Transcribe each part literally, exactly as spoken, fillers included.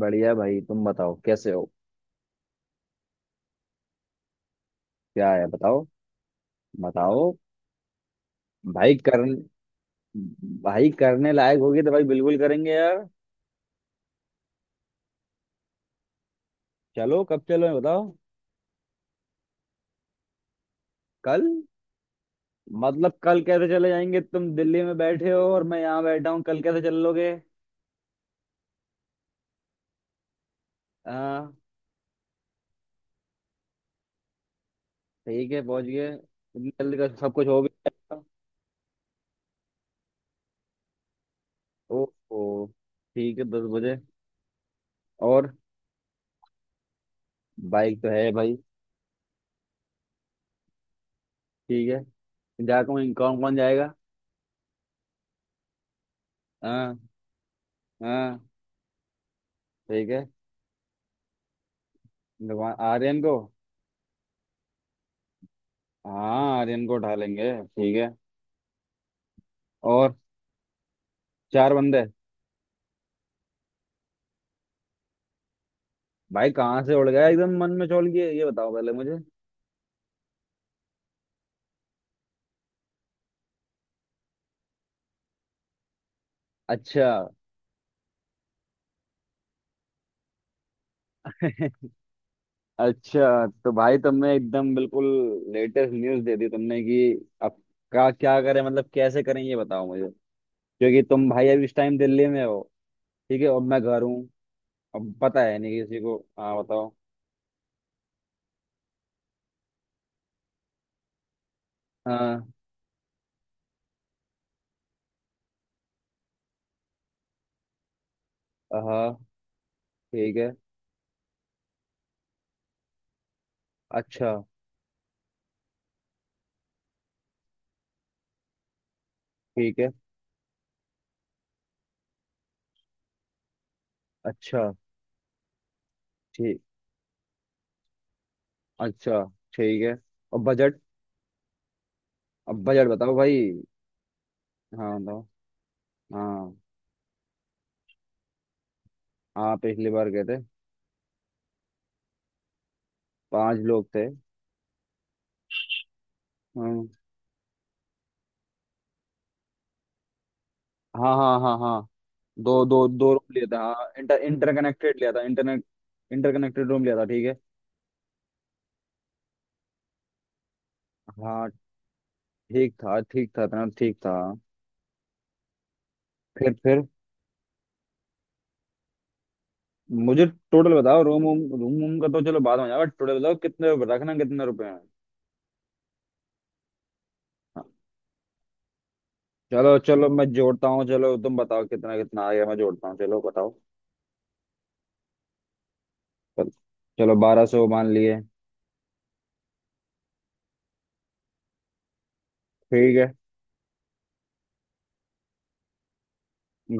बढ़िया भाई, तुम बताओ कैसे हो। क्या है, बताओ। बताओ। भाई कर। भाई करने लायक होगी तो भाई बिल्कुल करेंगे यार। चलो, कब चलो ये बताओ। कल? मतलब कल कैसे चले जाएंगे, तुम दिल्ली में बैठे हो और मैं यहाँ बैठा हूँ, कल कैसे चल लोगे। हाँ। ठीक है, पहुँच गए, इतनी जल्दी का सब कुछ हो गया। ओहो। ठीक है, दस बजे। और? बाइक तो है भाई। ठीक है। जा, कौन कौन कौन जाएगा। हाँ हाँ ठीक है। दुकान आर्यन को? हाँ आर्यन को उठा लेंगे ठीक है। और? चार बंदे। भाई कहाँ से उड़ गया एकदम मन में चौल किए, ये बताओ पहले मुझे। अच्छा। अच्छा तो भाई तुमने एकदम बिल्कुल लेटेस्ट न्यूज़ दे दी तुमने कि अब का क्या करें, मतलब कैसे करें ये बताओ मुझे, क्योंकि तुम भाई अभी इस टाइम दिल्ली में हो। ठीक है, और मैं घर हूँ। अब पता है नहीं किसी को। हाँ बताओ। हाँ हाँ ठीक है। अच्छा। ठीक है। अच्छा। ठीक। अच्छा। ठीक है। और बजट? अब बजट बताओ भाई। हाँ बताओ। हाँ हाँ पिछली बार गए थे। पांच लोग थे। हाँ हाँ हाँ हाँ। हाँ दो दो दो रूम लिया था, हाँ इंटर इंटरकनेक्टेड लिया था, इंटरनेट इंटरकनेक्टेड रूम लिया था ठीक है। हाँ। ठीक था ठीक था, इतना ठीक था। फिर फिर मुझे टोटल बताओ। रूम रूम रूम रूम का तो चलो बाद में जाओ, बट टोटल बताओ कितने रुपए रखना, कितने रुपए हैं। हाँ, चलो चलो मैं जोड़ता हूँ, चलो तुम बताओ कितना कितना आ गया, मैं जोड़ता हूँ, चलो बताओ। चल- चलो बारह सौ मान लिए। ठीक है।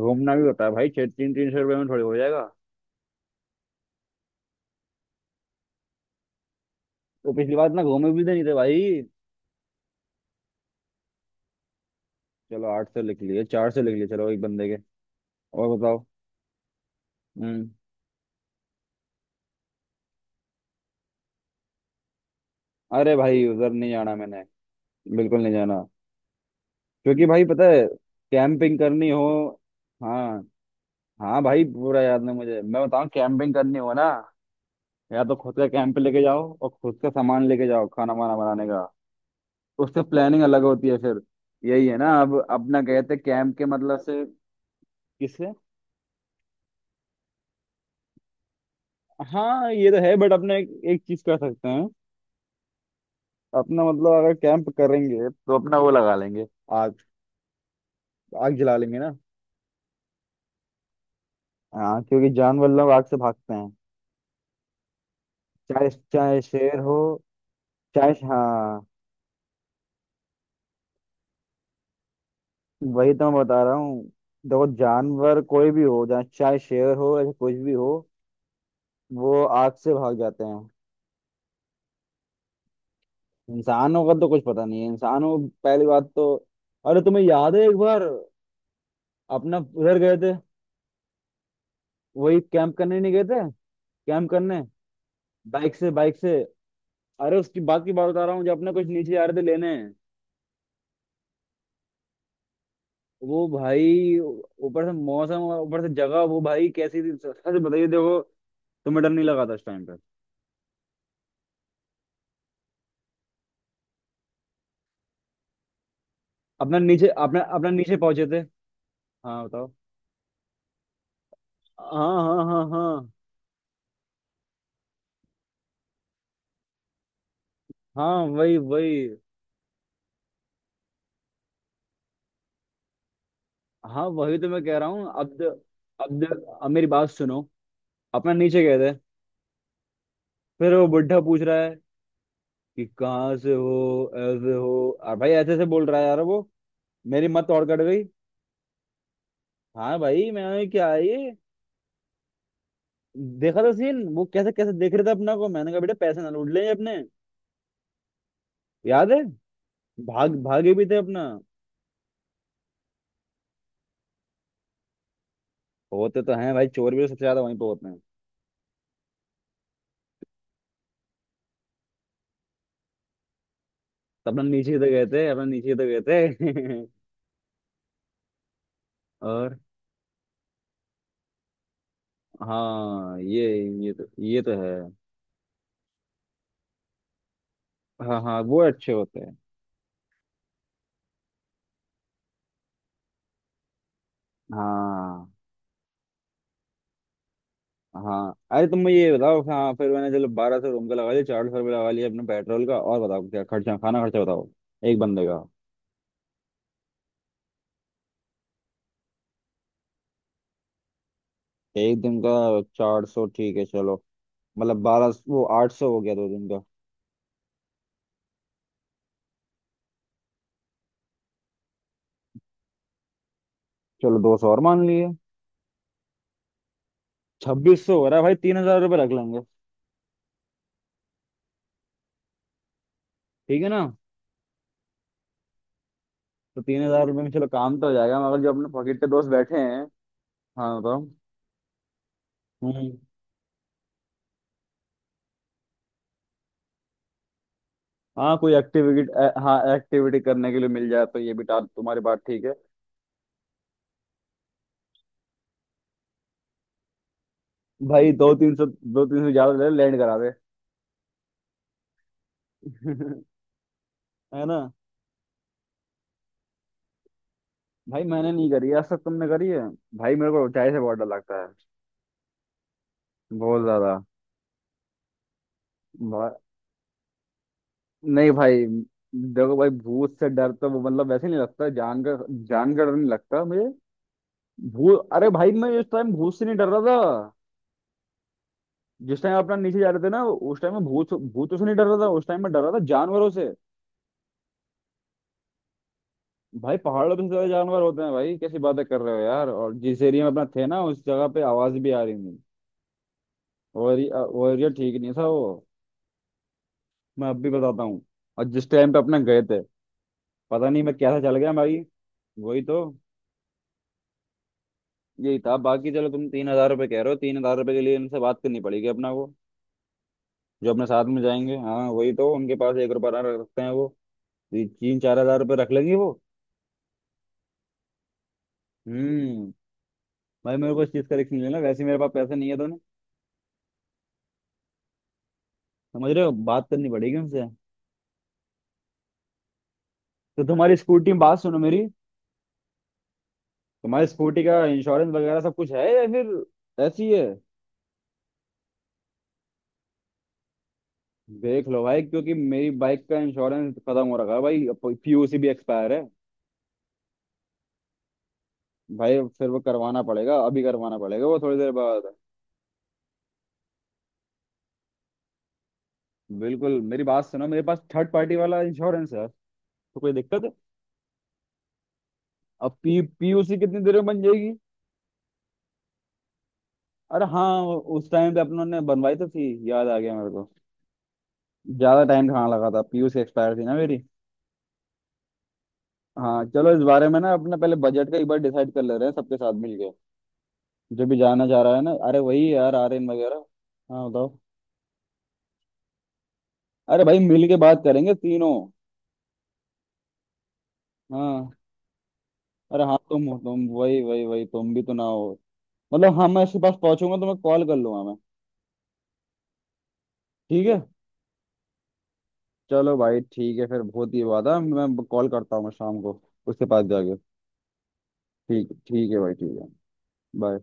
घूमना भी होता है भाई, छः तीन तीन सौ रुपये में थोड़ी हो जाएगा। तो पिछली बार इतना घूमे भी तो नहीं थे भाई। चलो आठ सौ लिख लिए, चार सौ लिख लिए, चलो एक बंदे के। और बताओ। हम्म। अरे भाई उधर नहीं जाना मैंने, बिल्कुल नहीं जाना, क्योंकि भाई पता है। कैंपिंग करनी हो। हाँ। हाँ भाई पूरा याद नहीं मुझे, मैं बताऊँ कैंपिंग करनी हो ना, या तो खुद का कैंप लेके जाओ और खुद का सामान लेके जाओ खाना वाना बनाने का। उससे प्लानिंग अलग होती है फिर। यही है ना, अब अपना गए थे कैंप के मतलब से। किससे? हाँ ये तो है, बट अपने एक, एक चीज कर सकते हैं। अपना मतलब अगर कैंप करेंगे तो अपना वो लगा लेंगे। आग। आग जला लेंगे ना। हाँ क्योंकि जानवर लोग आग से भागते हैं। चाहे चाहे शेर हो। चाहे हाँ। वही तो मैं बता रहा हूँ। देखो जानवर कोई भी हो, चाहे चाहे शेर हो या कुछ भी हो, वो आग से भाग जाते हैं। इंसानों का तो कुछ पता नहीं है, इंसानों को, पहली बात तो। अरे तुम्हें याद है एक बार अपना उधर गए थे, वही कैंप करने नहीं गए थे। कैंप करने। बाइक से बाइक से। अरे उसकी बात की बात बता रहा हूँ जब अपने कुछ नीचे आ रहे थे लेने। वो भाई ऊपर से मौसम और ऊपर से जगह, वो भाई कैसी थी, सच बताइए, देखो तुम्हें डर नहीं लगा था उस टाइम पर? अपना नीचे अपना अपना नीचे पहुंचे थे। हाँ बताओ। हाँ हाँ हाँ हाँ। हाँ वही वही। हाँ वही तो मैं कह रहा हूँ। अब। अब अब मेरी बात सुनो। अपना नीचे गए थे, फिर वो बुढ़ा पूछ रहा है कि कहाँ से हो, ऐसे हो, और भाई ऐसे ऐसे बोल रहा है यार वो, मेरी मत और कट गई। हाँ भाई, मैंने क्या है ये देखा था सीन, वो कैसे कैसे देख रहे थे अपना को, मैंने कहा बेटा पैसे ना लूट लें ये अपने। याद है, भाग भागे भी थे अपना। होते तो हैं भाई, चोर भी तो सबसे ज्यादा वहीं पे होते हैं। तो अपना नीचे ही तो गए थे, अपना नीचे ही तो गए थे। और? हाँ ये। ये तो, ये तो है। हाँ हाँ वो अच्छे होते हैं। हाँ हाँ। अरे तुम मुझे ये बताओ। हाँ फिर मैंने चलो बारह सौ रूम का लगा लिया, चार सौ रुपये लगा लिया अपने पेट्रोल का, और बताओ क्या खर्चा, खाना खर्चा बताओ एक बंदे का। एक दिन का चार सौ ठीक है चलो। मतलब बारह, वो आठ सौ हो गया दो दिन का। चलो दो सौ और मान लिए। छब्बीस सौ हो रहा है भाई, तीन हजार रुपये रख लेंगे, ठीक है ना। तो तीन हजार रुपये में चलो काम तो हो जाएगा, मगर जो अपने पॉकेट के दोस्त बैठे हैं। हाँ बताओ। हम्म। हाँ, कोई एक्टिविटी। हाँ एक्टिविटी करने के लिए मिल जाए, तो ये भी, टा- तुम्हारी बात ठीक है। भाई दो तीन सौ, दो तीन सौ ज्यादा ले लैंड करा दे। है ना? भाई मैंने नहीं करी आज तक, तुमने करी है? भाई मेरे को ऊंचाई से बहुत डर लगता है। बहुत ज्यादा। भा- नहीं भाई, देखो भाई भूत से डर तो वो मतलब वैसे नहीं लगता, जान का, जान का डर नहीं लगता मुझे। भूत, अरे भाई मैं इस टाइम भूत से नहीं डर रहा था। जिस टाइम अपना नीचे जा रहे थे ना, उस टाइम में भूत, भूतों से नहीं डर रहा था, उस टाइम में डर रहा था जानवरों से। भाई पहाड़ों पे सबसे ज्यादा जानवर होते हैं भाई, कैसी बातें कर रहे हो यार। और जिस एरिया में अपना थे ना, उस जगह पे आवाज भी आ रही थी। वो एरिया, वो एरिया ठीक नहीं था वो। मैं अब भी बताता हूँ। और जिस टाइम पे अपने गए थे, पता नहीं मैं कैसा चल गया भाई। वही तो। यही था। बाकी चलो तुम तीन हजार रुपये कह रहे हो, तीन हजार रुपये के लिए इनसे बात करनी पड़ेगी अपना को, जो अपने साथ में जाएंगे। हाँ वही तो, उनके पास एक रुपया रखते हैं वो। तीन चार हजार रुपये रख लेंगे वो। हम्म। भाई मेरे को इस चीज का रिस्क नहीं लेना, वैसे ही मेरे पास पैसे नहीं है तो ना, समझ रहे हो, बात करनी पड़ेगी उनसे। तो तुम्हारी स्कूटी, बात सुनो मेरी, तुम्हारी स्कूटी का इंश्योरेंस वगैरह सब कुछ है या फिर ऐसी है? देख लो भाई, क्योंकि मेरी बाइक का इंश्योरेंस खत्म हो रखा है भाई, पी यू सी भी एक्सपायर है। भाई फिर वो करवाना पड़ेगा, अभी करवाना पड़ेगा वो थोड़ी देर बाद। बिल्कुल। मेरी बात सुनो, मेरे पास थर्ड पार्टी वाला इंश्योरेंस है, तो कोई दिक्कत है? अब पी पीयूसी कितनी देर में बन जाएगी? अरे हाँ, उस टाइम पे अपनों ने बनवाई तो थी, याद आ गया मेरे को। ज्यादा टाइम कहाँ लगा था, पी यू सी एक्सपायर थी ना मेरी। हाँ चलो इस बारे में ना अपना पहले बजट का एक बार डिसाइड कर ले रहे हैं सबके साथ मिलके, जो भी जाना चाह रहा है ना, अरे वही यार आर्यन वगैरह। हाँ बताओ। अरे भाई मिल के बात करेंगे तीनों। हाँ। अरे हाँ तुम हो, तुम वही वही वही, तुम भी तो ना हो। मतलब हाँ, मैं इसके पास पहुंचूंगा तो मैं कॉल कर लूंगा मैं। ठीक है। चलो भाई ठीक है फिर, बहुत ही बात है, मैं कॉल करता हूँ मैं शाम को उसके पास जाके। ठीक, ठीक है भाई, ठीक है। बाय।